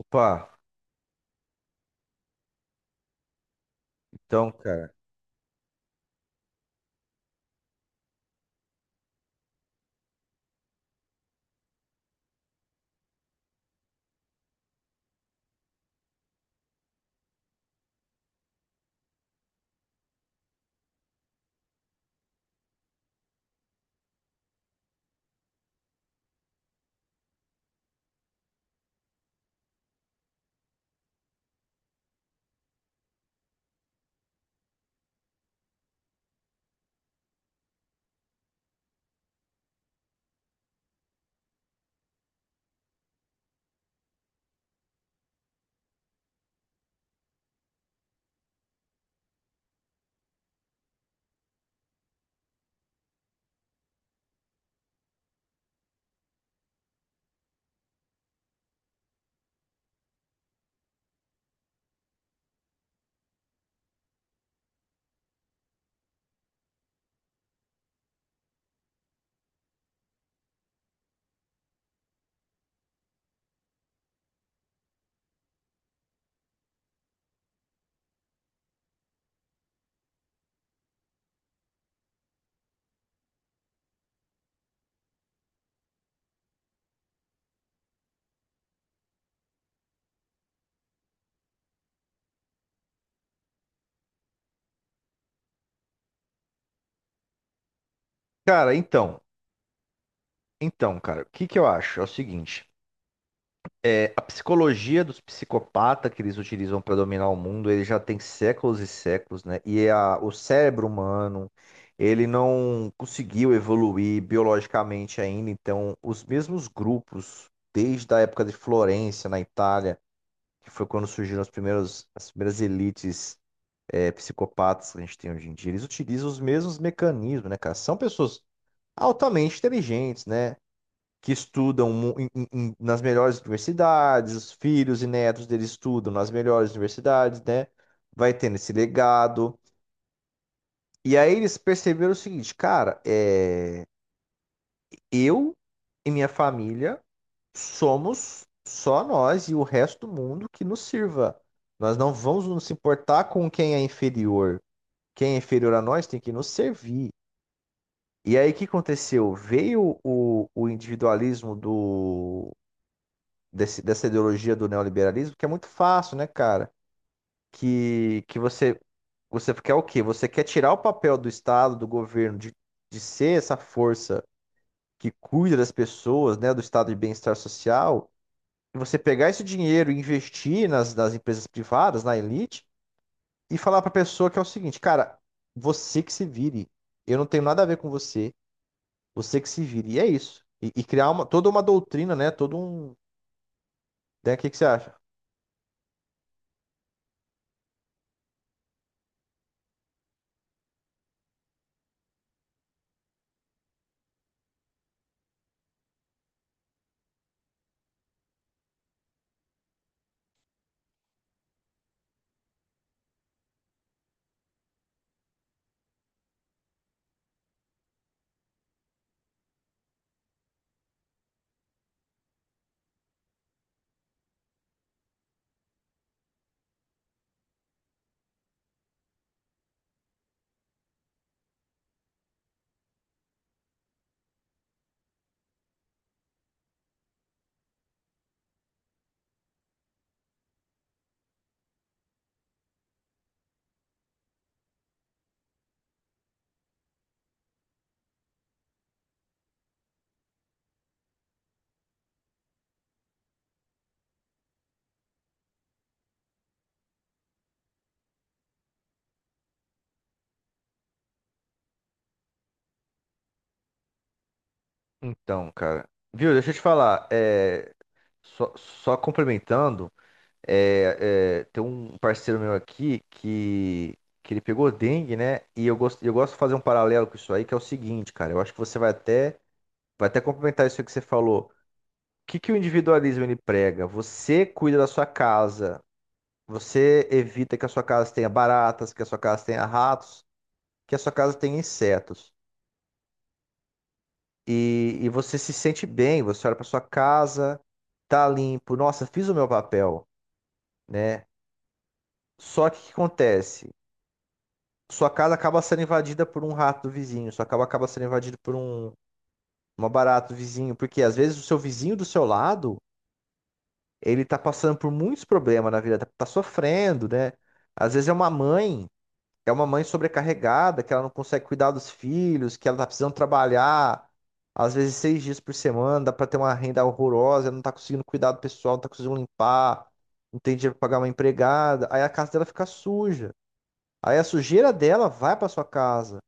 Opa, então, cara. Cara, então, cara, o que que eu acho? É o seguinte, a psicologia dos psicopatas que eles utilizam para dominar o mundo, ele já tem séculos e séculos, né? O cérebro humano, ele não conseguiu evoluir biologicamente ainda, então os mesmos grupos, desde a época de Florença, na Itália, que foi quando surgiram as primeiras elites psicopatas que a gente tem hoje em dia, eles utilizam os mesmos mecanismos, né, cara? São pessoas altamente inteligentes, né? Que estudam nas melhores universidades, os filhos e netos deles estudam nas melhores universidades, né? Vai tendo esse legado. E aí eles perceberam o seguinte, cara, eu e minha família somos só nós, e o resto do mundo que nos sirva. Nós não vamos nos importar com quem é inferior. Quem é inferior a nós tem que nos servir. E aí, o que aconteceu? Veio o individualismo dessa ideologia do neoliberalismo, que é muito fácil, né, cara? Que, que você, você quer o quê? Você quer tirar o papel do Estado, do governo, de ser essa força que cuida das pessoas, né, do estado de bem-estar social, e você pegar esse dinheiro e investir nas empresas privadas, na elite, e falar para a pessoa que é o seguinte, cara, você que se vire, eu não tenho nada a ver com você, você que se vire, e é isso. E criar uma, toda uma doutrina, né, todo um... Né, o que, que você acha? Então, cara. Viu, deixa eu te falar. É, só complementando, tem um parceiro meu aqui que ele pegou dengue, né? E eu gosto de fazer um paralelo com isso aí, que é o seguinte, cara. Eu acho que você vai até complementar isso aí que você falou. O que que o individualismo ele prega? Você cuida da sua casa, você evita que a sua casa tenha baratas, que a sua casa tenha ratos, que a sua casa tenha insetos. E você se sente bem, você olha para sua casa, tá limpo, nossa, fiz o meu papel, né? Só que o que acontece? Sua casa acaba sendo invadida por um rato do vizinho, sua casa acaba sendo invadida por uma barata do vizinho, porque às vezes o seu vizinho do seu lado, ele tá passando por muitos problemas na vida, tá sofrendo, né? Às vezes é uma mãe É uma mãe sobrecarregada, que ela não consegue cuidar dos filhos, que ela tá precisando trabalhar, às vezes 6 dias por semana, dá pra ter uma renda horrorosa, ela não tá conseguindo cuidar do pessoal, não tá conseguindo limpar, não tem dinheiro pra pagar uma empregada, aí a casa dela fica suja. Aí a sujeira dela vai pra sua casa.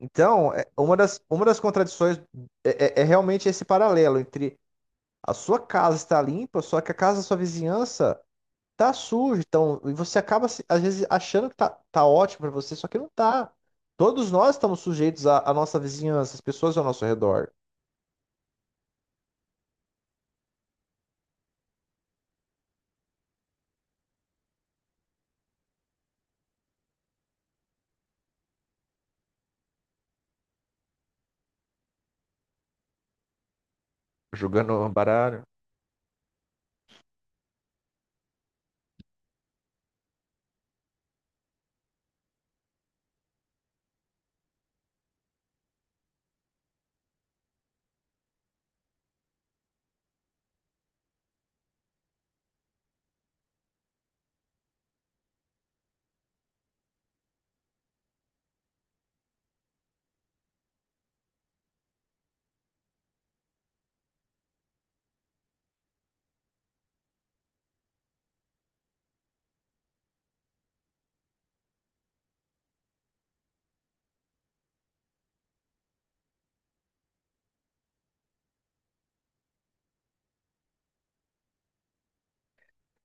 Então, uma das contradições é realmente esse paralelo entre a sua casa estar limpa, só que a casa da sua vizinhança tá sujo, então, e você acaba às vezes achando que tá ótimo pra você, só que não tá. Todos nós estamos sujeitos à, à nossa vizinhança, as pessoas ao nosso redor. Jogando um baralho.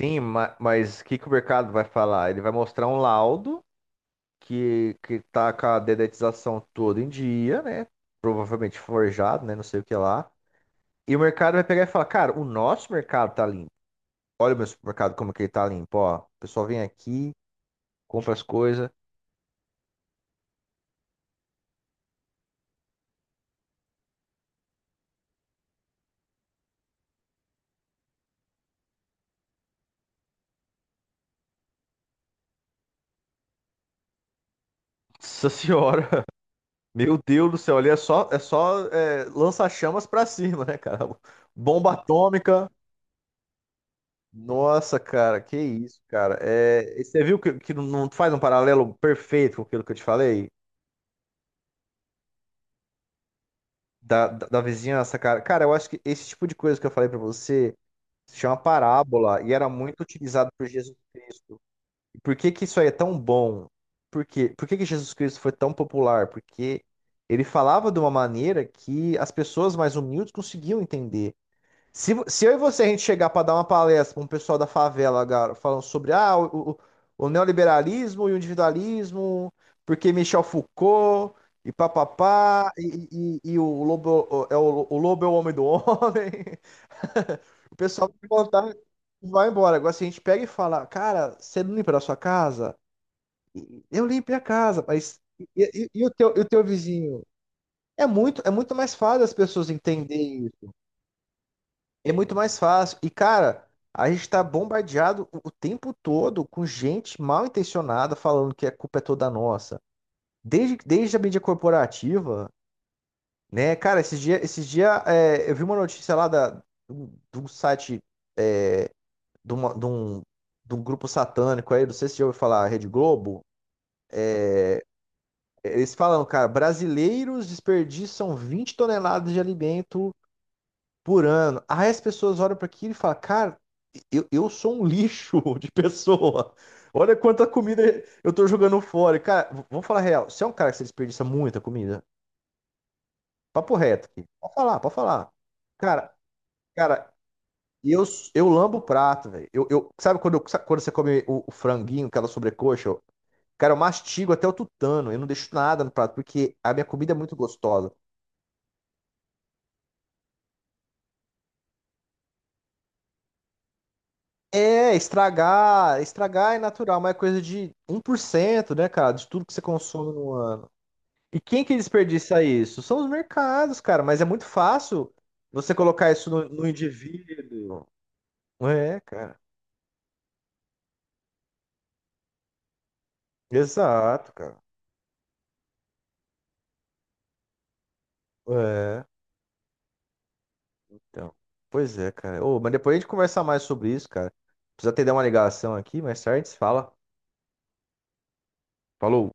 Sim, mas o que, que o mercado vai falar? Ele vai mostrar um laudo que tá com a dedetização todo em dia, né? Provavelmente forjado, né? Não sei o que lá. E o mercado vai pegar e falar, cara, o nosso mercado tá limpo. Olha o meu supermercado como que ele tá limpo, ó. O pessoal vem aqui, compra as coisas. Nossa senhora. Meu Deus do céu, ali é só lança-chamas pra cima, né, cara? Bomba atômica. Nossa, cara, que isso, cara. É, e você viu que não não faz um paralelo perfeito com aquilo que eu te falei? Da vizinhança, cara. Cara, eu acho que esse tipo de coisa que eu falei pra você se chama parábola e era muito utilizado por Jesus Cristo. E por que que isso aí é tão bom? Por quê? Por que que Jesus Cristo foi tão popular? Porque ele falava de uma maneira que as pessoas mais humildes conseguiam entender. Se eu e você a gente chegar para dar uma palestra para um pessoal da favela, cara, falando sobre o neoliberalismo e o individualismo, porque Michel Foucault e papapá, e o lobo é o homem do homem, o pessoal vai contar e vai embora. Agora, se a gente pega e fala, cara, você não limpa da sua casa? Eu limpei a casa, mas e o teu vizinho? É muito mais fácil as pessoas entenderem, é muito mais fácil. E, cara, a gente tá bombardeado o tempo todo com gente mal intencionada falando que a culpa é toda nossa. Desde a mídia corporativa, né? Cara, esses dia, é, eu vi uma notícia lá do site é, de, uma- de um, de um grupo satânico aí, não sei se você já ouviu falar, Rede Globo. Eles falam, cara, brasileiros desperdiçam 20 toneladas de alimento por ano. Aí as pessoas olham para aquilo e falam, cara, eu sou um lixo de pessoa. Olha quanta comida eu tô jogando fora. E, cara, vamos falar a real. Você é um cara que você desperdiça muita comida? Papo reto aqui. Pode falar, pode falar. Cara, cara, eu, eu lambo o prato, velho. Sabe quando, sabe quando você come o franguinho, aquela sobrecoxa? Eu- Cara, eu mastigo até o tutano. Eu não deixo nada no prato, porque a minha comida é muito gostosa. É, estragar é natural, mas é coisa de 1%, né, cara, de tudo que você consome no ano. E quem que desperdiça isso? São os mercados, cara, mas é muito fácil você colocar isso no indivíduo. É, cara. Exato, cara. É, então. Pois é, cara. Ô, mas depois a gente conversar mais sobre isso, cara. Precisa ter uma ligação aqui, mais tarde se fala. Falou.